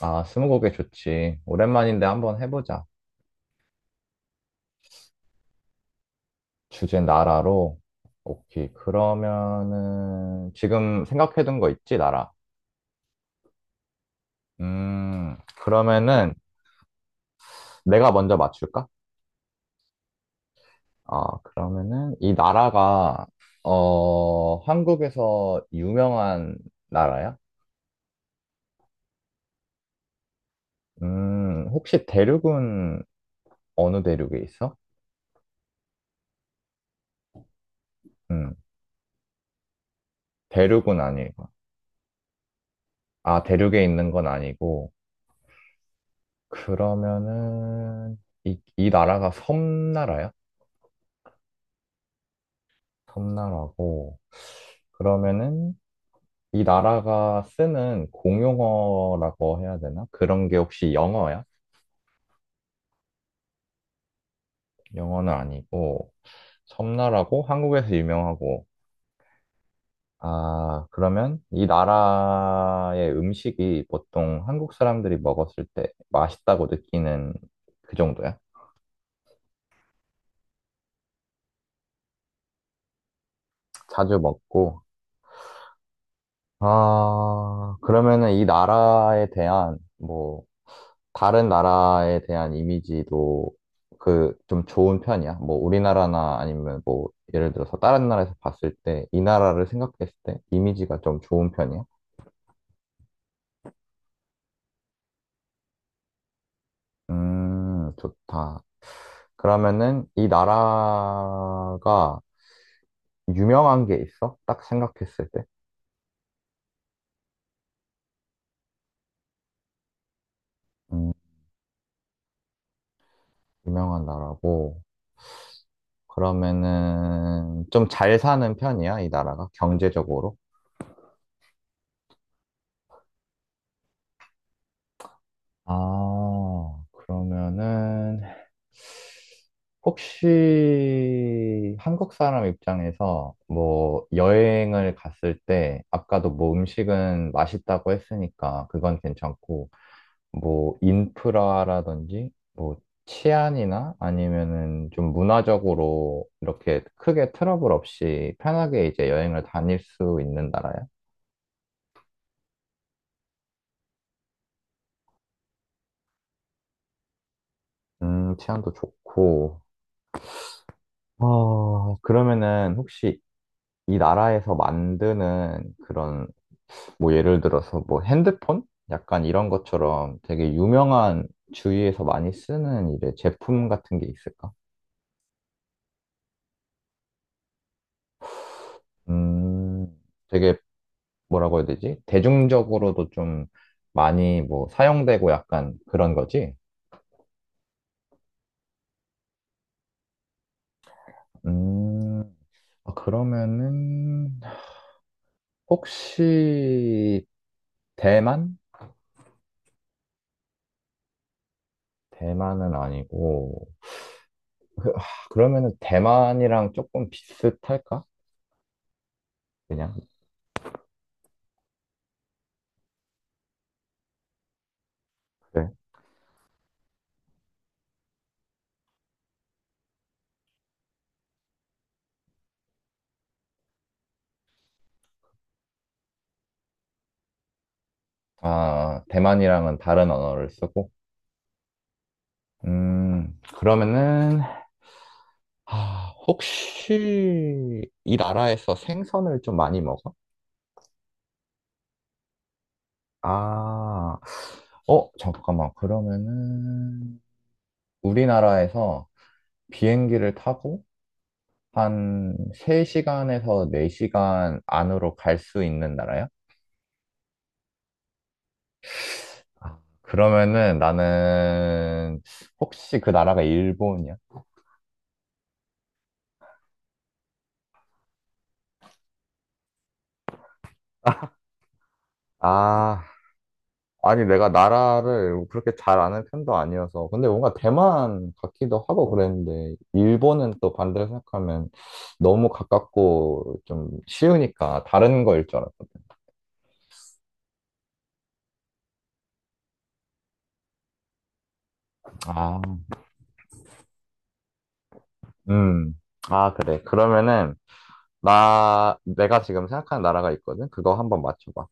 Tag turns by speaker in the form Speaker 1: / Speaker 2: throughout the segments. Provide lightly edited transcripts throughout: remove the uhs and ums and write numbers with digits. Speaker 1: 아, 스무고개 좋지. 오랜만인데 한번 해보자. 주제 나라로. 오케이. 그러면은 지금 생각해둔 거 있지, 나라? 음, 그러면은 내가 먼저 맞출까? 아, 그러면은 이 나라가 어, 한국에서 유명한 나라야? 혹시 대륙은 어느 대륙에 있어? 음, 대륙은 아니고. 아, 대륙에 있는 건 아니고. 그러면은 이 나라가 섬나라야? 섬나라고. 그러면은 이 나라가 쓰는 공용어라고 해야 되나? 그런 게 혹시 영어야? 영어는 아니고 섬나라고 한국에서 유명하고. 아, 그러면 이 나라의 음식이 보통 한국 사람들이 먹었을 때 맛있다고 느끼는 그 정도야? 자주 먹고. 아, 그러면은 이 나라에 대한 뭐 다른 나라에 대한 이미지도 그 좀 좋은 편이야? 뭐 우리나라나 아니면 뭐 예를 들어서 다른 나라에서 봤을 때 이 나라를 생각했을 때 이미지가 좀 좋은 편이야? 좋다. 그러면은 이 나라가 유명한 게 있어? 딱 생각했을 때? 음, 유명한 나라고. 그러면은 좀 잘 사는 편이야, 이 나라가 경제적으로? 아, 그러면은 혹시 한국 사람 입장에서 뭐 여행을 갔을 때 아까도 뭐 음식은 맛있다고 했으니까 그건 괜찮고 뭐 인프라라든지 뭐 치안이나 아니면은 좀 문화적으로 이렇게 크게 트러블 없이 편하게 이제 여행을 다닐 수 있는 나라야? 치안도 좋고. 어, 그러면은 혹시 이 나라에서 만드는 그런 뭐 예를 들어서 뭐 핸드폰? 약간 이런 것처럼 되게 유명한 주위에서 많이 쓰는 이제 제품 같은 게 있을까? 음, 되게 뭐라고 해야 되지? 대중적으로도 좀 많이 뭐 사용되고 약간 그런 거지? 음, 아, 그러면은 혹시 대만? 대만은 아니고 아, 그러면은 대만이랑 조금 비슷할까? 그냥 그래. 아, 대만이랑은 다른 언어를 쓰고 그러면은, 아, 혹시 이 나라에서 생선을 좀 많이 먹어? 아, 어, 잠깐만. 그러면은, 우리나라에서 비행기를 타고 한 3시간에서 4시간 안으로 갈 수 있는 나라야? 그러면은 나는, 혹시 그 나라가 일본이야? 아, 아니, 내가 나라를 그렇게 잘 아는 편도 아니어서. 근데 뭔가 대만 같기도 하고 그랬는데, 일본은 또 반대로 생각하면 너무 가깝고 좀 쉬우니까 다른 거일 줄 알았거 아, 음. 아, 그래. 그러면은, 내가 지금 생각하는 나라가 있거든? 그거 한번 맞춰봐.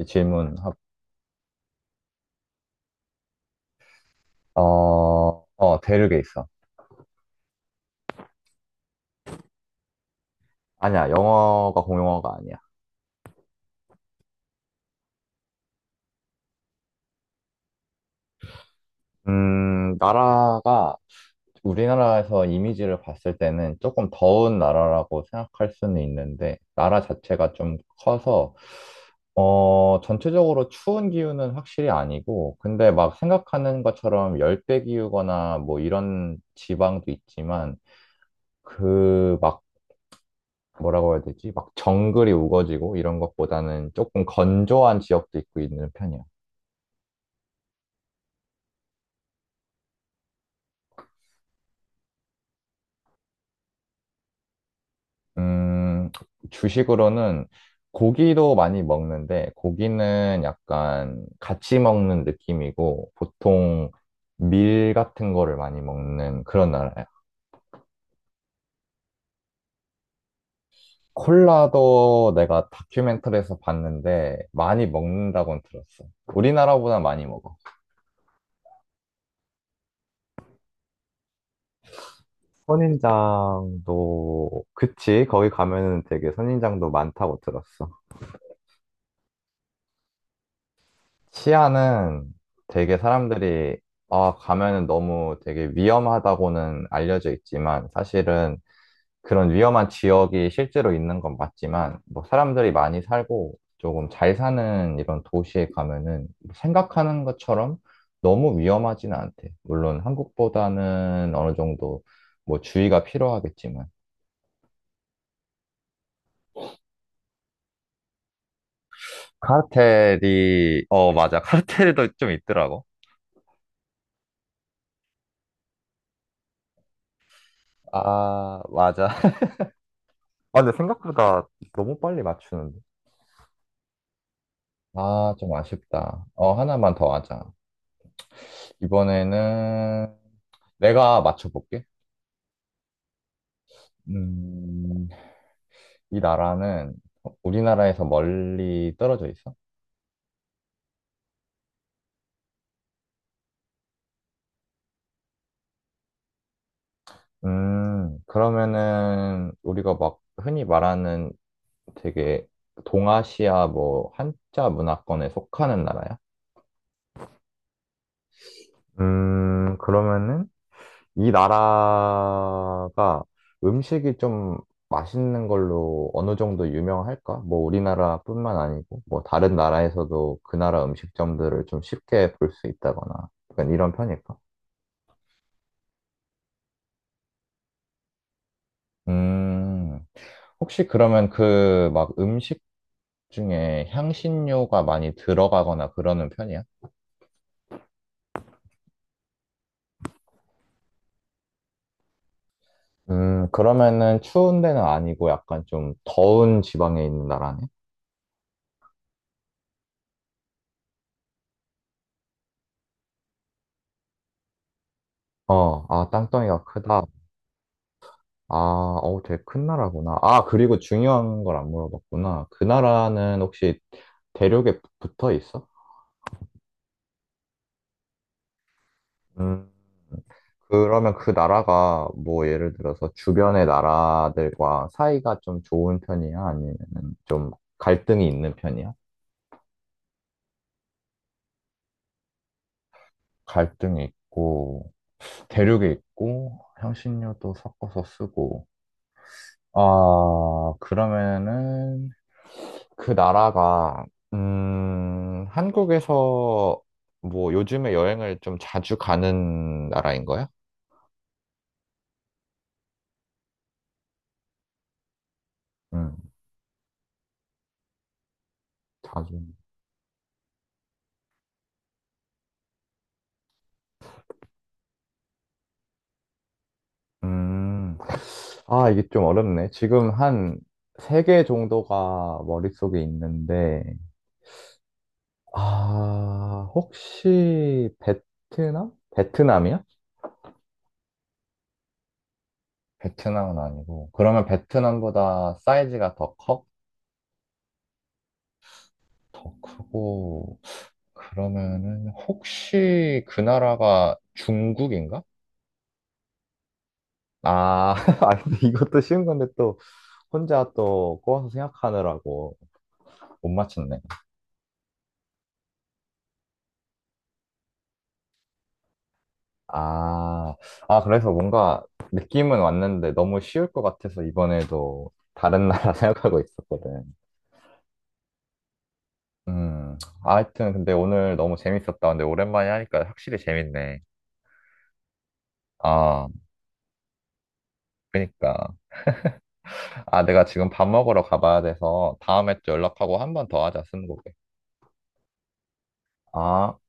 Speaker 1: 이 질문. 어, 어, 대륙에 있어. 아니야, 영어가 공용어가 아니야. 나라가 우리나라에서 이미지를 봤을 때는 조금 더운 나라라고 생각할 수는 있는데, 나라 자체가 좀 커서, 어, 전체적으로 추운 기후는 확실히 아니고, 근데 막 생각하는 것처럼 열대 기후거나 뭐 이런 지방도 있지만, 그 막 뭐라고 해야 되지? 막 정글이 우거지고 이런 것보다는 조금 건조한 지역도 있고 있는 편이야. 음, 주식으로는 고기도 많이 먹는데, 고기는 약간 같이 먹는 느낌이고, 보통 밀 같은 거를 많이 먹는 그런 나라야. 콜라도 내가 다큐멘터리에서 봤는데, 많이 먹는다고는 들었어. 우리나라보다 많이 먹어. 선인장도, 그치? 거기 가면은 되게 선인장도 많다고 들었어. 시아는 되게 사람들이 아, 가면은 너무 되게 위험하다고는 알려져 있지만 사실은 그런 위험한 지역이 실제로 있는 건 맞지만 뭐 사람들이 많이 살고 조금 잘 사는 이런 도시에 가면은 뭐 생각하는 것처럼 너무 위험하진 않대. 물론 한국보다는 어느 정도 뭐 주의가 필요하겠지만 카르텔이 어 맞아 카르텔도 좀 있더라고. 아, 맞아. 아, 근데 생각보다 너무 빨리 맞추는데? 아, 좀 아쉽다. 어, 하나만 더 하자. 이번에는 내가 맞춰볼게. 음, 이 나라는 우리나라에서 멀리 떨어져 있어? 그러면은 우리가 막 흔히 말하는 되게 동아시아 뭐 한자 문화권에 속하는 나라야? 그러면은 이 나라가 음식이 좀 맛있는 걸로 어느 정도 유명할까? 뭐 우리나라뿐만 아니고 뭐 다른 나라에서도 그 나라 음식점들을 좀 쉽게 볼 수 있다거나 약간 이런 편일까? 음, 혹시 그러면 그 막 음식 중에 향신료가 많이 들어가거나 그러는 편이야? 그러면은 추운 데는 아니고 약간 좀 더운 지방에 있는 나라네? 어, 아, 땅덩이가 크다. 아, 어, 되게 큰 나라구나. 아, 그리고 중요한 걸 안 물어봤구나. 그 나라는 혹시 대륙에 붙어 있어? 음, 그러면 그 나라가 뭐 예를 들어서 주변의 나라들과 사이가 좀 좋은 편이야? 아니면 좀 갈등이 있는 편이야? 갈등이 있고, 대륙에 있고, 향신료도 섞어서 쓰고. 아, 그러면은 그 나라가 한국에서 뭐 요즘에 여행을 좀 자주 가는 나라인 거야? 음, 자주. 음. 아, 이게 좀 어렵네. 지금 한 세 개 정도가 머릿속에 있는데 아, 혹시 베트남? 베트남이야? 베트남은 아니고. 그러면 베트남보다 사이즈가 더 커? 더 크고, 그러면은, 혹시 그 나라가 중국인가? 아, 아, 근데 이것도 쉬운 건데 또 혼자 또 꼬아서 생각하느라고 못 맞췄네. 아, 아, 그래서 뭔가 느낌은 왔는데 너무 쉬울 것 같아서 이번에도 다른 나라 생각하고 있었거든. 음, 아, 하여튼 근데 오늘 너무 재밌었다. 근데 오랜만에 하니까 확실히 재밌네. 아, 그니까. 아, 내가 지금 밥 먹으러 가봐야 돼서 다음에 또 연락하고 한 번 더 하자, 스무고개. 아,